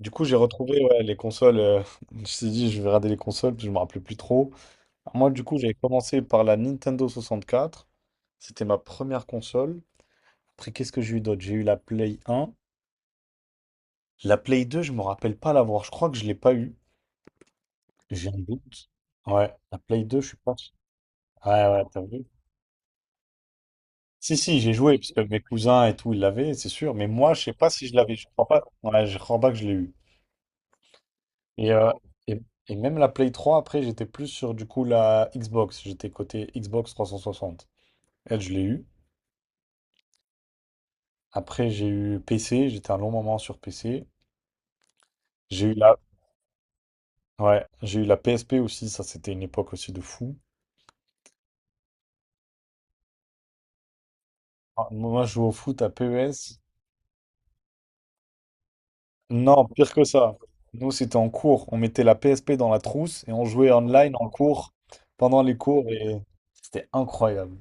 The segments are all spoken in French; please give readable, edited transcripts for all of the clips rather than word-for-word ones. Du coup, j'ai retrouvé, ouais, les consoles. Je me suis dit, je vais regarder les consoles, parce que je me rappelais plus trop. Moi, du coup, j'avais commencé par la Nintendo 64. C'était ma première console. Après, qu'est-ce que j'ai eu d'autre? J'ai eu la Play 1. La Play 2, je me rappelle pas l'avoir. Je crois que je l'ai pas eu. J'ai un doute. Ouais, la Play 2, je suis pas sûr. Ouais, ouais, t'as vu? Si, si, j'ai joué, parce que mes cousins et tout, ils l'avaient, c'est sûr. Mais moi, je sais pas si je l'avais. Je crois pas. Ouais, je crois pas que je l'ai eu. Et, euh, et, et même la Play 3 après, j'étais plus sur du coup la Xbox. J'étais côté Xbox 360. Elle, je l'ai eu. Après, j'ai eu PC. J'étais un long moment sur PC. J'ai eu la, ouais, j'ai eu la PSP aussi. Ça, c'était une époque aussi de fou. Ah, moi, je jouais au foot à PES. Non, pire que ça. Nous, c'était en cours. On mettait la PSP dans la trousse et on jouait online en cours pendant les cours. Et c'était incroyable.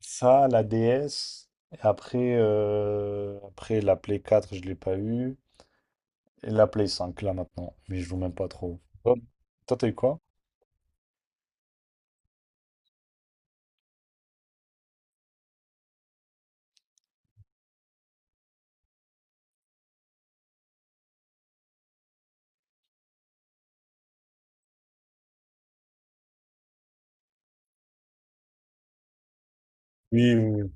Ça, la DS. Et après la Play 4, je l'ai pas eu. Et la Play 5, là, maintenant. Mais je joue même pas trop. Toi, toi, t'as eu quoi? Oui, oui, oui.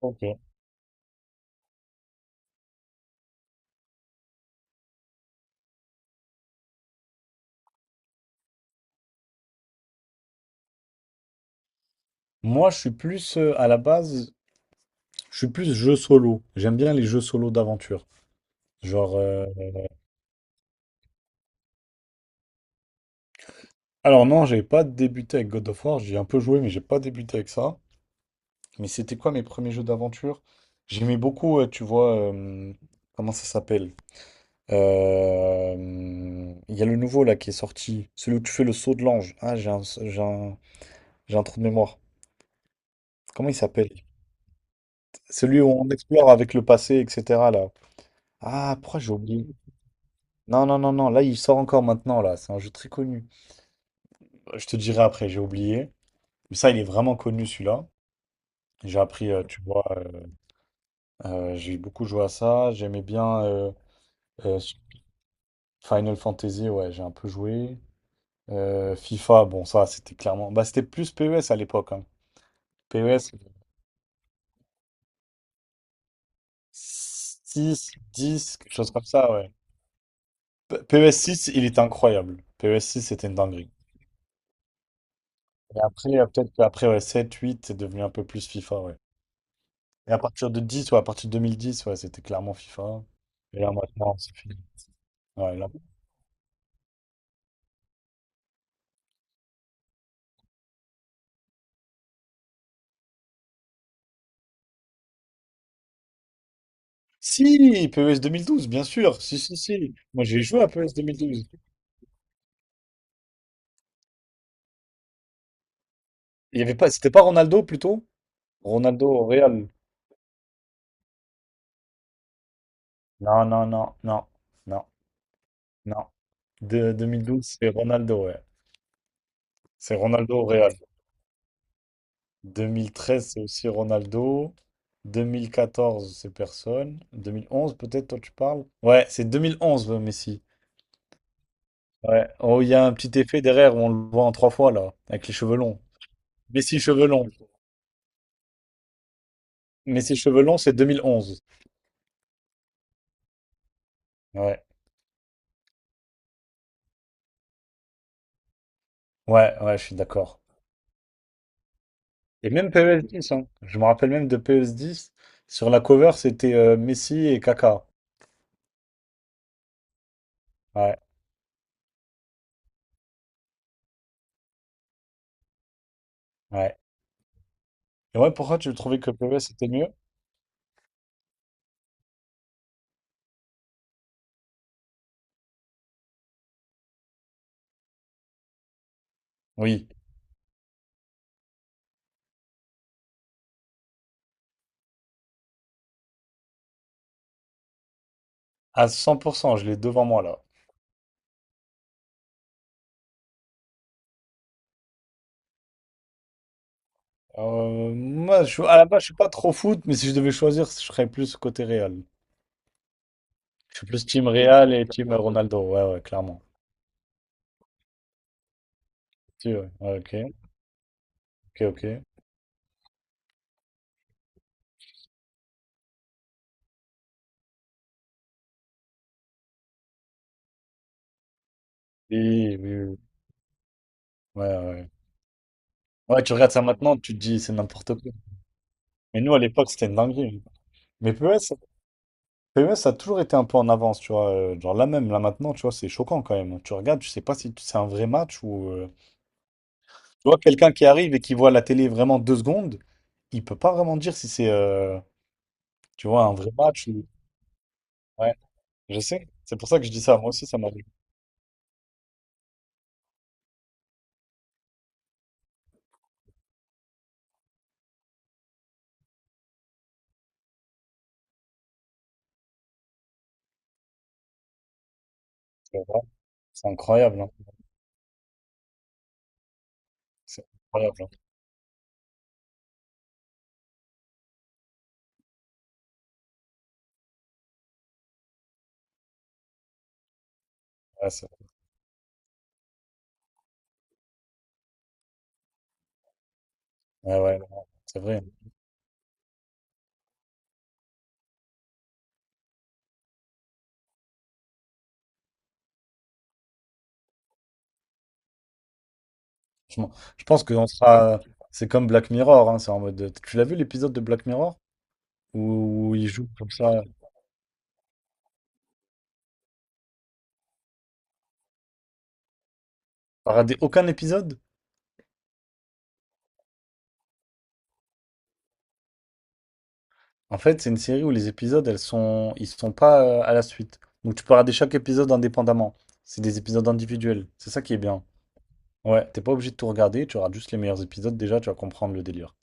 Ok. Moi, je suis plus, à la base, je suis plus jeu solo. J'aime bien les jeux solo d'aventure. Genre, alors non, j'avais pas débuté avec God of War. J'ai un peu joué, mais j'ai pas débuté avec ça. Mais c'était quoi mes premiers jeux d'aventure? J'aimais beaucoup, tu vois, comment ça s'appelle? Euh, Il y a le nouveau là qui est sorti, celui où tu fais le saut de l'ange. Ah, j'ai un trou de mémoire. Comment il s'appelle? Celui où on explore avec le passé, etc. là. Ah, pourquoi j'ai oublié? Non, non, non, non, là il sort encore maintenant là. C'est un jeu très connu. Je te dirai après, j'ai oublié. Mais ça, il est vraiment connu celui-là. J'ai appris, tu vois, j'ai beaucoup joué à ça. J'aimais bien euh, Final Fantasy, ouais, j'ai un peu joué. FIFA, bon, ça, c'était clairement. Bah, c'était plus PES à l'époque, hein. PES six 10 quelque chose comme ça, ouais. PES 6, il était incroyable. PES 6, c'était une dinguerie. Et après, peut-être qu'après, ouais, 7 8 c'est devenu un peu plus FIFA, ouais. Et à partir de 10 ou à partir de 2010, ouais, c'était clairement FIFA. Et là, maintenant, c'est fini. Ouais, si, PES 2012, bien sûr. Si, si, si. Moi, j'ai joué à PES 2012. Il y avait pas, c'était pas Ronaldo, plutôt? Ronaldo au Real. Non, non, non, non, non, non. De 2012, c'est Ronaldo, ouais. C'est Ronaldo au Real. 2013, c'est aussi Ronaldo. 2014, c'est personne. 2011, peut-être, toi, tu parles? Ouais, c'est 2011, Messi. Ouais. Oh, il y a un petit effet derrière où on le voit en trois fois, là, avec les cheveux longs. Messi cheveux longs. Messi cheveux longs, c'est 2011. Ouais. Ouais, ouais, je suis d'accord. Et même PES 10, hein. Je me rappelle même de PES 10. Sur la cover, c'était, Messi et Kaka. Ouais, ouais. Et ouais, pourquoi tu trouvais que PES était mieux? Oui, à 100%, je l'ai devant moi, là. Moi, je, à la base, je suis pas trop foot, mais si je devais choisir, je serais plus côté Real. Je suis plus team Real et team Ronaldo. Ouais, ouais, clairement. Si, ouais. Ouais, ok, ok, ok. Oui, oui, oui. Ouais, ouais. Ouais, tu regardes ça maintenant, tu te dis c'est n'importe quoi. Mais nous, à l'époque, c'était une dinguerie. Mais PES a toujours été un peu en avance, tu vois. Genre là même, là maintenant, tu vois, c'est choquant quand même. Tu regardes, tu sais pas si c'est un vrai match ou. Tu vois, quelqu'un qui arrive et qui voit la télé vraiment 2 secondes, il peut pas vraiment dire si c'est, tu vois, un vrai match ou. Ouais. Je sais, c'est pour ça que je dis ça. Moi aussi, ça m'arrive. C'est vrai. C'est incroyable, hein. C'est incroyable, hein. Ouais, c'est ouais, ouais, ouais, c'est vrai, hein. Franchement, je pense qu'on sera. C'est comme Black Mirror, hein. C'est en mode. Tu l'as vu l'épisode de Black Mirror? Où ils jouent comme ça. T'as raté aucun épisode? En fait, c'est une série où les épisodes, ils sont pas à la suite. Donc tu peux regarder chaque épisode indépendamment. C'est des épisodes individuels. C'est ça qui est bien. Ouais, t'es pas obligé de tout regarder. Tu regardes juste les meilleurs épisodes. Déjà, tu vas comprendre le délire.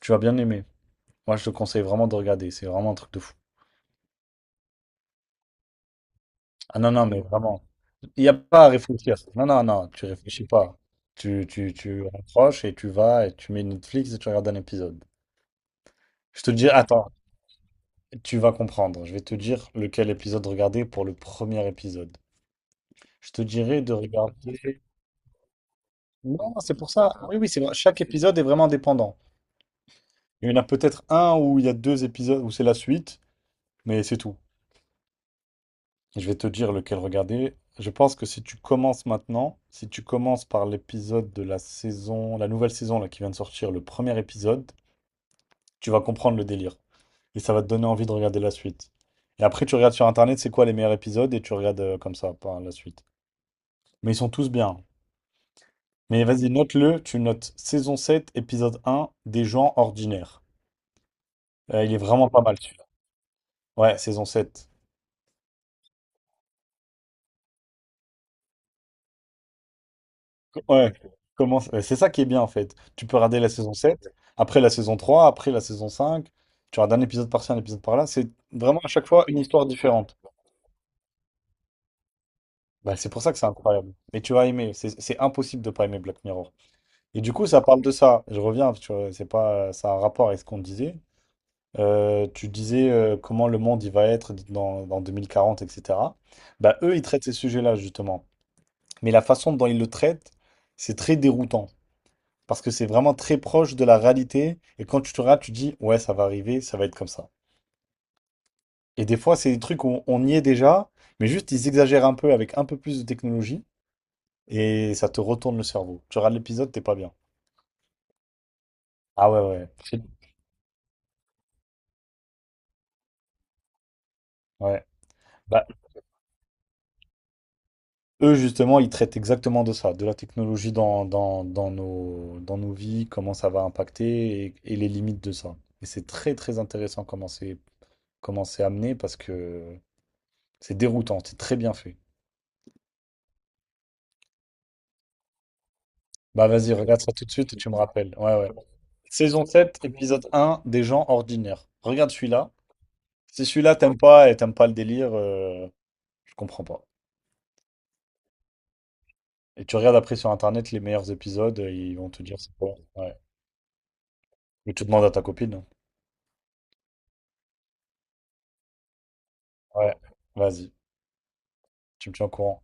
Tu vas bien aimer. Moi, je te conseille vraiment de regarder. C'est vraiment un truc de fou. Ah non, non, mais vraiment, il n'y a pas à réfléchir. Non, non, non, tu réfléchis pas. Tu approches et tu vas et tu mets Netflix et tu regardes un épisode. Je te dis, attends, tu vas comprendre. Je vais te dire lequel épisode regarder pour le premier épisode. Je te dirais de regarder. Non, c'est pour ça. Oui, oui, c'est vrai. Chaque épisode est vraiment dépendant. Il y en a peut-être un où il y a deux épisodes où c'est la suite, mais c'est tout. Je vais te dire lequel regarder. Je pense que si tu commences maintenant, si tu commences par l'épisode de la saison, la nouvelle saison là, qui vient de sortir, le premier épisode, tu vas comprendre le délire. Et ça va te donner envie de regarder la suite. Et après, tu regardes sur Internet, c'est quoi les meilleurs épisodes, et tu regardes comme ça par la suite. Mais ils sont tous bien. Mais vas-y, note-le, tu notes saison 7 épisode un des gens ordinaires. Il est vraiment pas mal celui-là. Ouais, saison 7. Ouais, ouais, c'est ça qui est bien en fait. Tu peux regarder la saison 7, après la saison 3, après la saison 5. Tu regardes un épisode par-ci, un épisode par-là. C'est vraiment à chaque fois une histoire différente. Bah, c'est pour ça que c'est incroyable. Mais tu vas aimer. C'est impossible de pas aimer Black Mirror. Et du coup, ça parle de ça. Je reviens, tu vois, c'est pas, ça a un rapport avec ce qu'on disait. Tu disais comment le monde il va être dans 2040, etc. Bah, eux, ils traitent ces sujets-là justement. Mais la façon dont ils le traitent, c'est très déroutant, parce que c'est vraiment très proche de la réalité. Et quand tu te rates, tu te dis, ouais, ça va arriver, ça va être comme ça. Et des fois, c'est des trucs où on y est déjà, mais juste ils exagèrent un peu avec un peu plus de technologie et ça te retourne le cerveau. Tu regardes l'épisode, t'es pas bien. Ah ouais, ouais, ouais. Bah, eux, justement, ils traitent exactement de ça, de la technologie dans nos vies, comment ça va impacter et les limites de ça. Et c'est très, très intéressant comment c'est amené parce que c'est déroutant, c'est très bien fait. Bah vas-y, regarde ça tout de suite et tu me rappelles. Ouais, ouais. Saison 7 épisode un des gens ordinaires. Regarde celui-là. Si celui-là t'aimes pas et t'aimes pas le délire, je comprends pas. Et tu regardes après sur internet les meilleurs épisodes, ils vont te dire c'est quoi. Ouais. Et tu demandes à ta copine, hein. Ouais, vas-y, tu me tiens au courant.